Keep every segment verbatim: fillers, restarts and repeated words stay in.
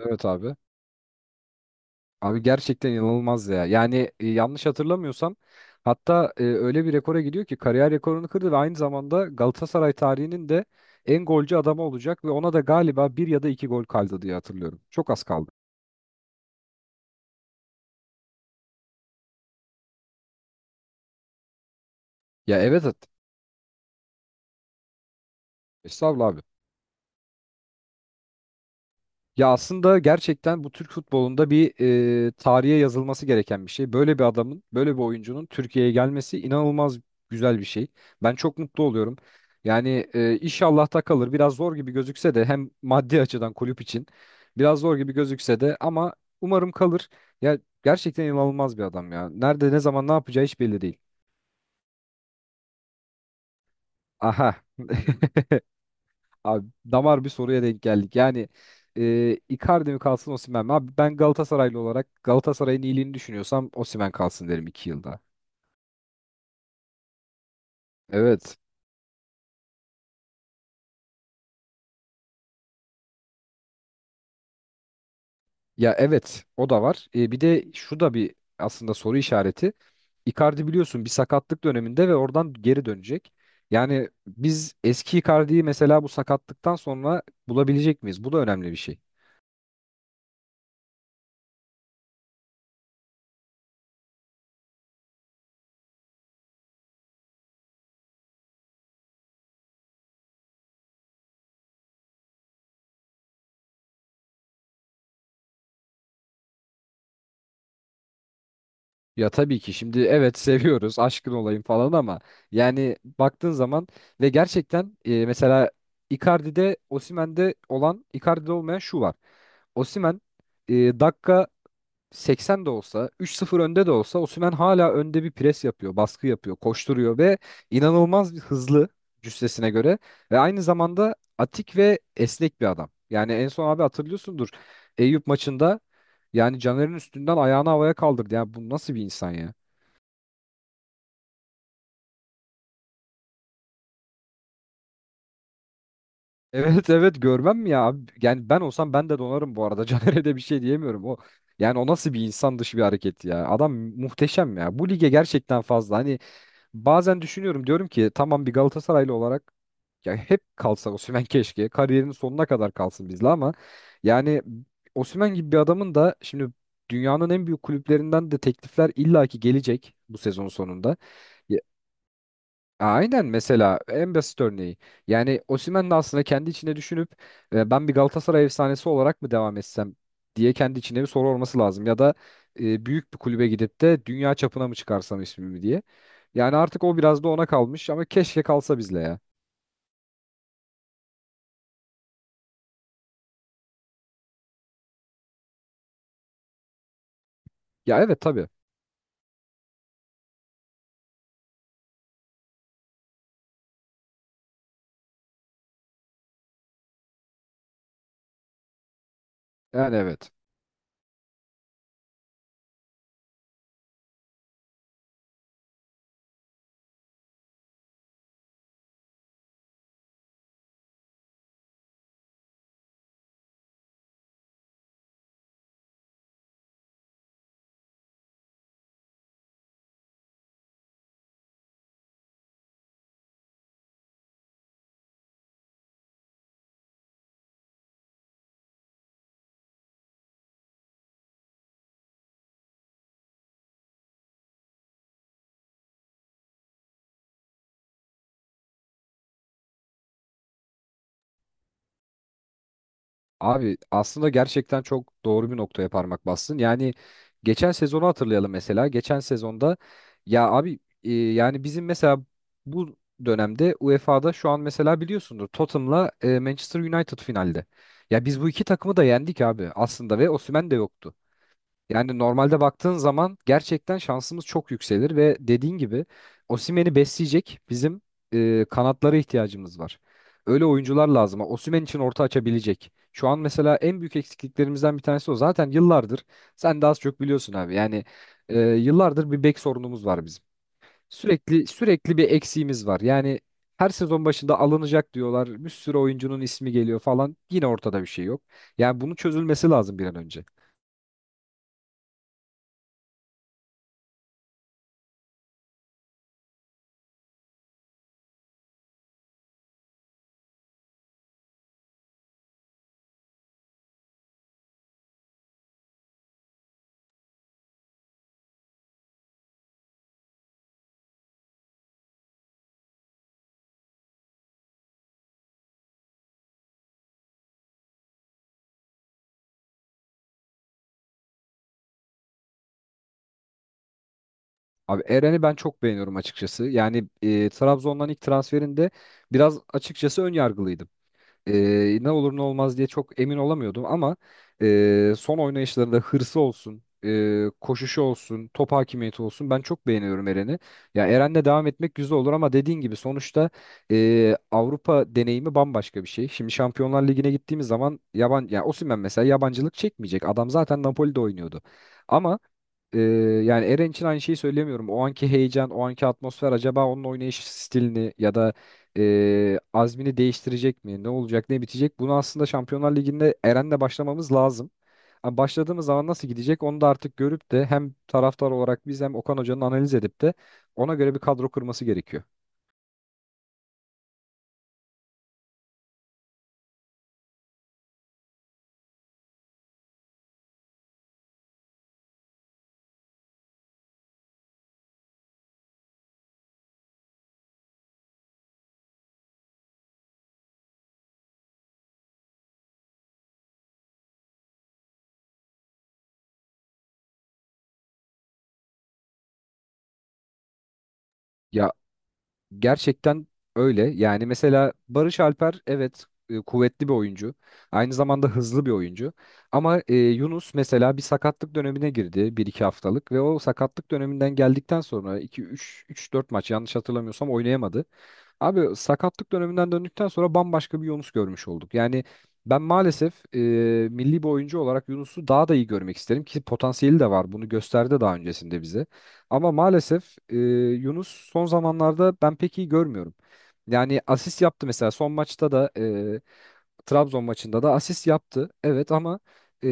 Evet abi. Abi gerçekten inanılmaz ya. Yani e, yanlış hatırlamıyorsam hatta e, öyle bir rekora gidiyor ki kariyer rekorunu kırdı ve aynı zamanda Galatasaray tarihinin de en golcü adamı olacak ve ona da galiba bir ya da iki gol kaldı diye hatırlıyorum. Çok az kaldı. Ya evet. evet. Estağfurullah abi. Ya aslında gerçekten bu Türk futbolunda bir e, tarihe yazılması gereken bir şey. Böyle bir adamın, böyle bir oyuncunun Türkiye'ye gelmesi inanılmaz güzel bir şey. Ben çok mutlu oluyorum. Yani e, inşallah da kalır. Biraz zor gibi gözükse de hem maddi açıdan kulüp için biraz zor gibi gözükse de ama umarım kalır. Ya gerçekten inanılmaz bir adam ya. Nerede, ne zaman, ne yapacağı hiç belli değil. Aha. Abi damar bir soruya denk geldik. Yani e, Icardi mi kalsın Osimhen mi? Abi ben Galatasaraylı olarak Galatasaray'ın iyiliğini düşünüyorsam Osimhen kalsın derim iki yılda. Evet. Ya evet o da var. E, bir de şu da bir aslında soru işareti. Icardi biliyorsun bir sakatlık döneminde ve oradan geri dönecek. Yani biz eski Icardi'yi mesela bu sakatlıktan sonra bulabilecek miyiz? Bu da önemli bir şey. Ya tabii ki şimdi evet seviyoruz aşkın olayım falan ama yani baktığın zaman ve gerçekten e, mesela Icardi'de Osimhen'de olan Icardi'de olmayan şu var. Osimhen e, dakika seksen de olsa, üç sıfır önde de olsa Osimhen hala önde bir pres yapıyor, baskı yapıyor, koşturuyor ve inanılmaz bir hızlı cüssesine göre ve aynı zamanda atik ve esnek bir adam. Yani en son abi hatırlıyorsundur Eyüp maçında yani Caner'in üstünden ayağını havaya kaldırdı. Yani bu nasıl bir insan ya? Evet evet görmem mi ya abi? Yani ben olsam ben de donarım bu arada. Caner'e de bir şey diyemiyorum. O yani o nasıl bir insan dışı bir hareket ya. Adam muhteşem ya. Bu lige gerçekten fazla. Hani bazen düşünüyorum diyorum ki tamam bir Galatasaraylı olarak ya hep kalsa Osimhen keşke kariyerinin sonuna kadar kalsın bizle ama yani Osimhen gibi bir adamın da şimdi dünyanın en büyük kulüplerinden de teklifler illaki gelecek bu sezon sonunda. Aynen mesela en basit örneği. Yani Osimhen de aslında kendi içine düşünüp e, ben bir Galatasaray efsanesi olarak mı devam etsem diye kendi içine bir soru olması lazım. Ya da e, büyük bir kulübe gidip de dünya çapına mı çıkarsam ismimi diye. Yani artık o biraz da ona kalmış ama keşke kalsa bizle ya. Ya evet tabii. Yani evet. Abi aslında gerçekten çok doğru bir noktaya parmak bastın. Yani geçen sezonu hatırlayalım mesela. Geçen sezonda ya abi e, yani bizim mesela bu dönemde UEFA'da şu an mesela biliyorsundur Tottenham'la e, Manchester United finalde. Ya biz bu iki takımı da yendik abi aslında ve Osimhen de yoktu. Yani normalde baktığın zaman gerçekten şansımız çok yükselir ve dediğin gibi Osimhen'i besleyecek bizim e, kanatlara ihtiyacımız var. Öyle oyuncular lazım. Osimhen için orta açabilecek. Şu an mesela en büyük eksikliklerimizden bir tanesi o. Zaten yıllardır sen de az çok biliyorsun abi. Yani e, yıllardır bir bek sorunumuz var bizim. Sürekli sürekli bir eksiğimiz var. Yani her sezon başında alınacak diyorlar. Bir sürü oyuncunun ismi geliyor falan. Yine ortada bir şey yok. Yani bunun çözülmesi lazım bir an önce. Abi Eren'i ben çok beğeniyorum açıkçası. Yani e, Trabzon'dan ilk transferinde biraz açıkçası ön yargılıydım. E, ne olur ne olmaz diye çok emin olamıyordum ama e, son oynayışlarında hırsı olsun, e, koşuşu olsun, top hakimiyeti olsun ben çok beğeniyorum Eren'i. Ya Eren'le devam etmek güzel olur ama dediğin gibi sonuçta e, Avrupa deneyimi bambaşka bir şey. Şimdi Şampiyonlar Ligi'ne gittiğimiz zaman yaban ya Osimhen mesela yabancılık çekmeyecek. Adam zaten Napoli'de oynuyordu. Ama e, yani Eren için aynı şeyi söyleyemiyorum. O anki heyecan, o anki atmosfer acaba onun oynayış stilini ya da e, azmini değiştirecek mi? Ne olacak, ne bitecek? Bunu aslında Şampiyonlar Ligi'nde Eren'le başlamamız lazım. Ama başladığımız zaman nasıl gidecek onu da artık görüp de hem taraftar olarak biz hem Okan Hoca'nın analiz edip de ona göre bir kadro kurması gerekiyor. Ya gerçekten öyle. Yani mesela Barış Alper evet e, kuvvetli bir oyuncu. Aynı zamanda hızlı bir oyuncu. Ama e, Yunus mesela bir sakatlık dönemine girdi bir iki haftalık ve o sakatlık döneminden geldikten sonra iki üç üç dört maç yanlış hatırlamıyorsam oynayamadı. Abi sakatlık döneminden döndükten sonra bambaşka bir Yunus görmüş olduk. Yani ben maalesef e, milli bir oyuncu olarak Yunus'u daha da iyi görmek isterim ki potansiyeli de var. Bunu gösterdi daha öncesinde bize. Ama maalesef e, Yunus son zamanlarda ben pek iyi görmüyorum. Yani asist yaptı mesela son maçta da e, Trabzon maçında da asist yaptı. Evet ama e,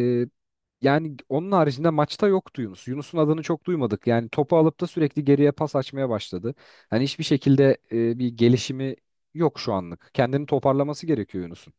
yani onun haricinde maçta yoktu Yunus. Yunus'un adını çok duymadık. Yani topu alıp da sürekli geriye pas açmaya başladı. Hani hiçbir şekilde e, bir gelişimi yok şu anlık. Kendini toparlaması gerekiyor Yunus'un.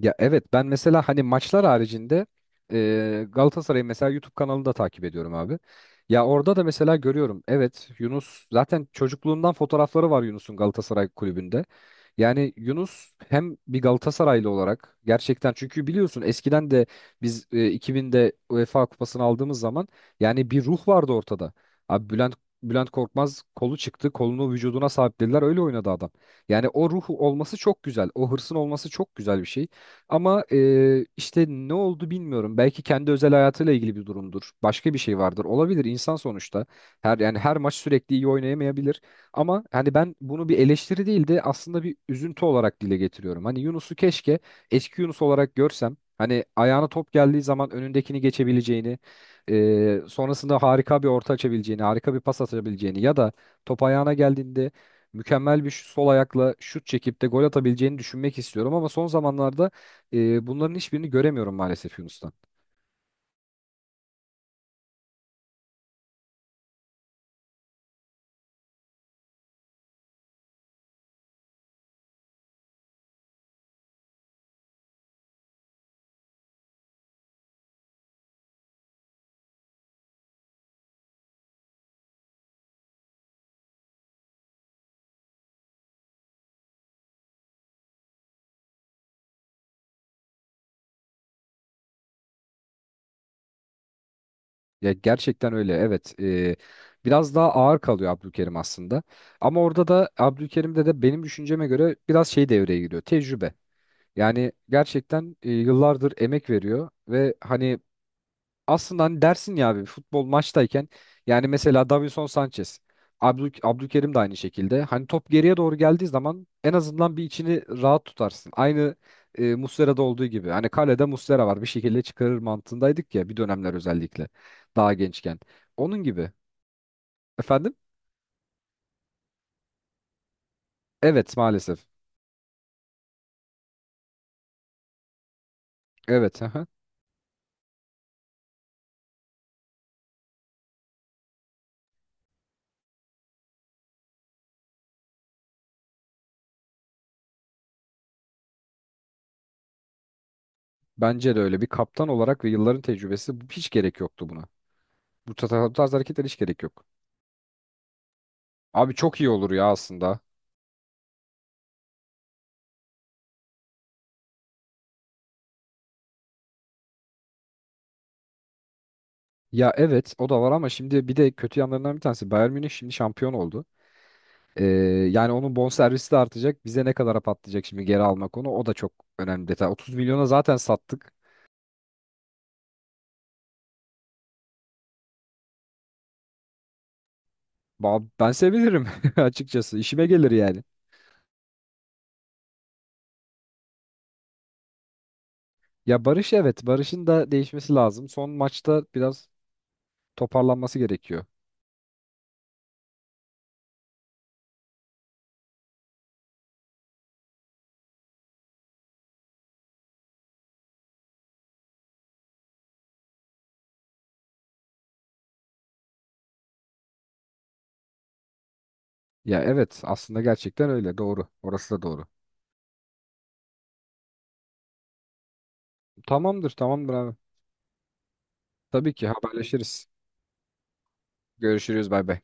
Ya evet ben mesela hani maçlar haricinde e, Galatasaray'ı mesela YouTube kanalında takip ediyorum abi. Ya orada da mesela görüyorum evet Yunus zaten çocukluğundan fotoğrafları var Yunus'un Galatasaray kulübünde. Yani Yunus hem bir Galatasaraylı olarak gerçekten çünkü biliyorsun eskiden de biz e, iki binde UEFA Kupası'nı aldığımız zaman yani bir ruh vardı ortada. Abi Bülent Bülent Korkmaz kolu çıktı, kolunu vücuduna sabitlediler öyle oynadı adam. Yani o ruhu olması çok güzel. O hırsın olması çok güzel bir şey. Ama e, işte ne oldu bilmiyorum. Belki kendi özel hayatıyla ilgili bir durumdur. Başka bir şey vardır. Olabilir insan sonuçta. Her yani her maç sürekli iyi oynayamayabilir. Ama hani ben bunu bir eleştiri değil de aslında bir üzüntü olarak dile getiriyorum. Hani Yunus'u keşke eski Yunus olarak görsem. Hani ayağına top geldiği zaman önündekini geçebileceğini, e, sonrasında harika bir orta açabileceğini, harika bir pas atabileceğini ya da top ayağına geldiğinde mükemmel bir şu- sol ayakla şut çekip de gol atabileceğini düşünmek istiyorum ama son zamanlarda e, bunların hiçbirini göremiyorum maalesef Yunus'tan. Ya gerçekten öyle evet. Ee, biraz daha ağır kalıyor Abdülkerim aslında. Ama orada da Abdülkerim'de de benim düşünceme göre biraz şey devreye giriyor. Tecrübe. Yani gerçekten e, yıllardır emek veriyor ve hani aslında hani dersin ya abi futbol maçtayken yani mesela Davinson Sanchez, Abdül, Abdülkerim de aynı şekilde. Hani top geriye doğru geldiği zaman en azından bir içini rahat tutarsın. Aynı e, Muslera'da olduğu gibi. Hani kalede Muslera var bir şekilde çıkarır mantığındaydık ya bir dönemler özellikle daha gençken. Onun gibi. Efendim? Evet maalesef. Evet. aha. Bence de öyle. Bir kaptan olarak ve yılların tecrübesi hiç gerek yoktu buna. Bu ta- ta- bu tarz hareketler hiç gerek yok. Abi çok iyi olur ya aslında. Ya evet o da var ama şimdi bir de kötü yanlarından bir tanesi Bayern Münih şimdi şampiyon oldu. Ee, yani onun bonservisi de artacak. Bize ne kadara patlayacak şimdi geri almak onu o da çok önemli detay. otuz milyona zaten sattık. Ba- Ben sevinirim açıkçası. İşime gelir yani. Ya Barış evet Barış'ın da değişmesi lazım. Son maçta biraz toparlanması gerekiyor. Ya evet aslında gerçekten öyle doğru. Orası da doğru. Tamamdır tamamdır abi. Tabii ki haberleşiriz. Görüşürüz bay bay.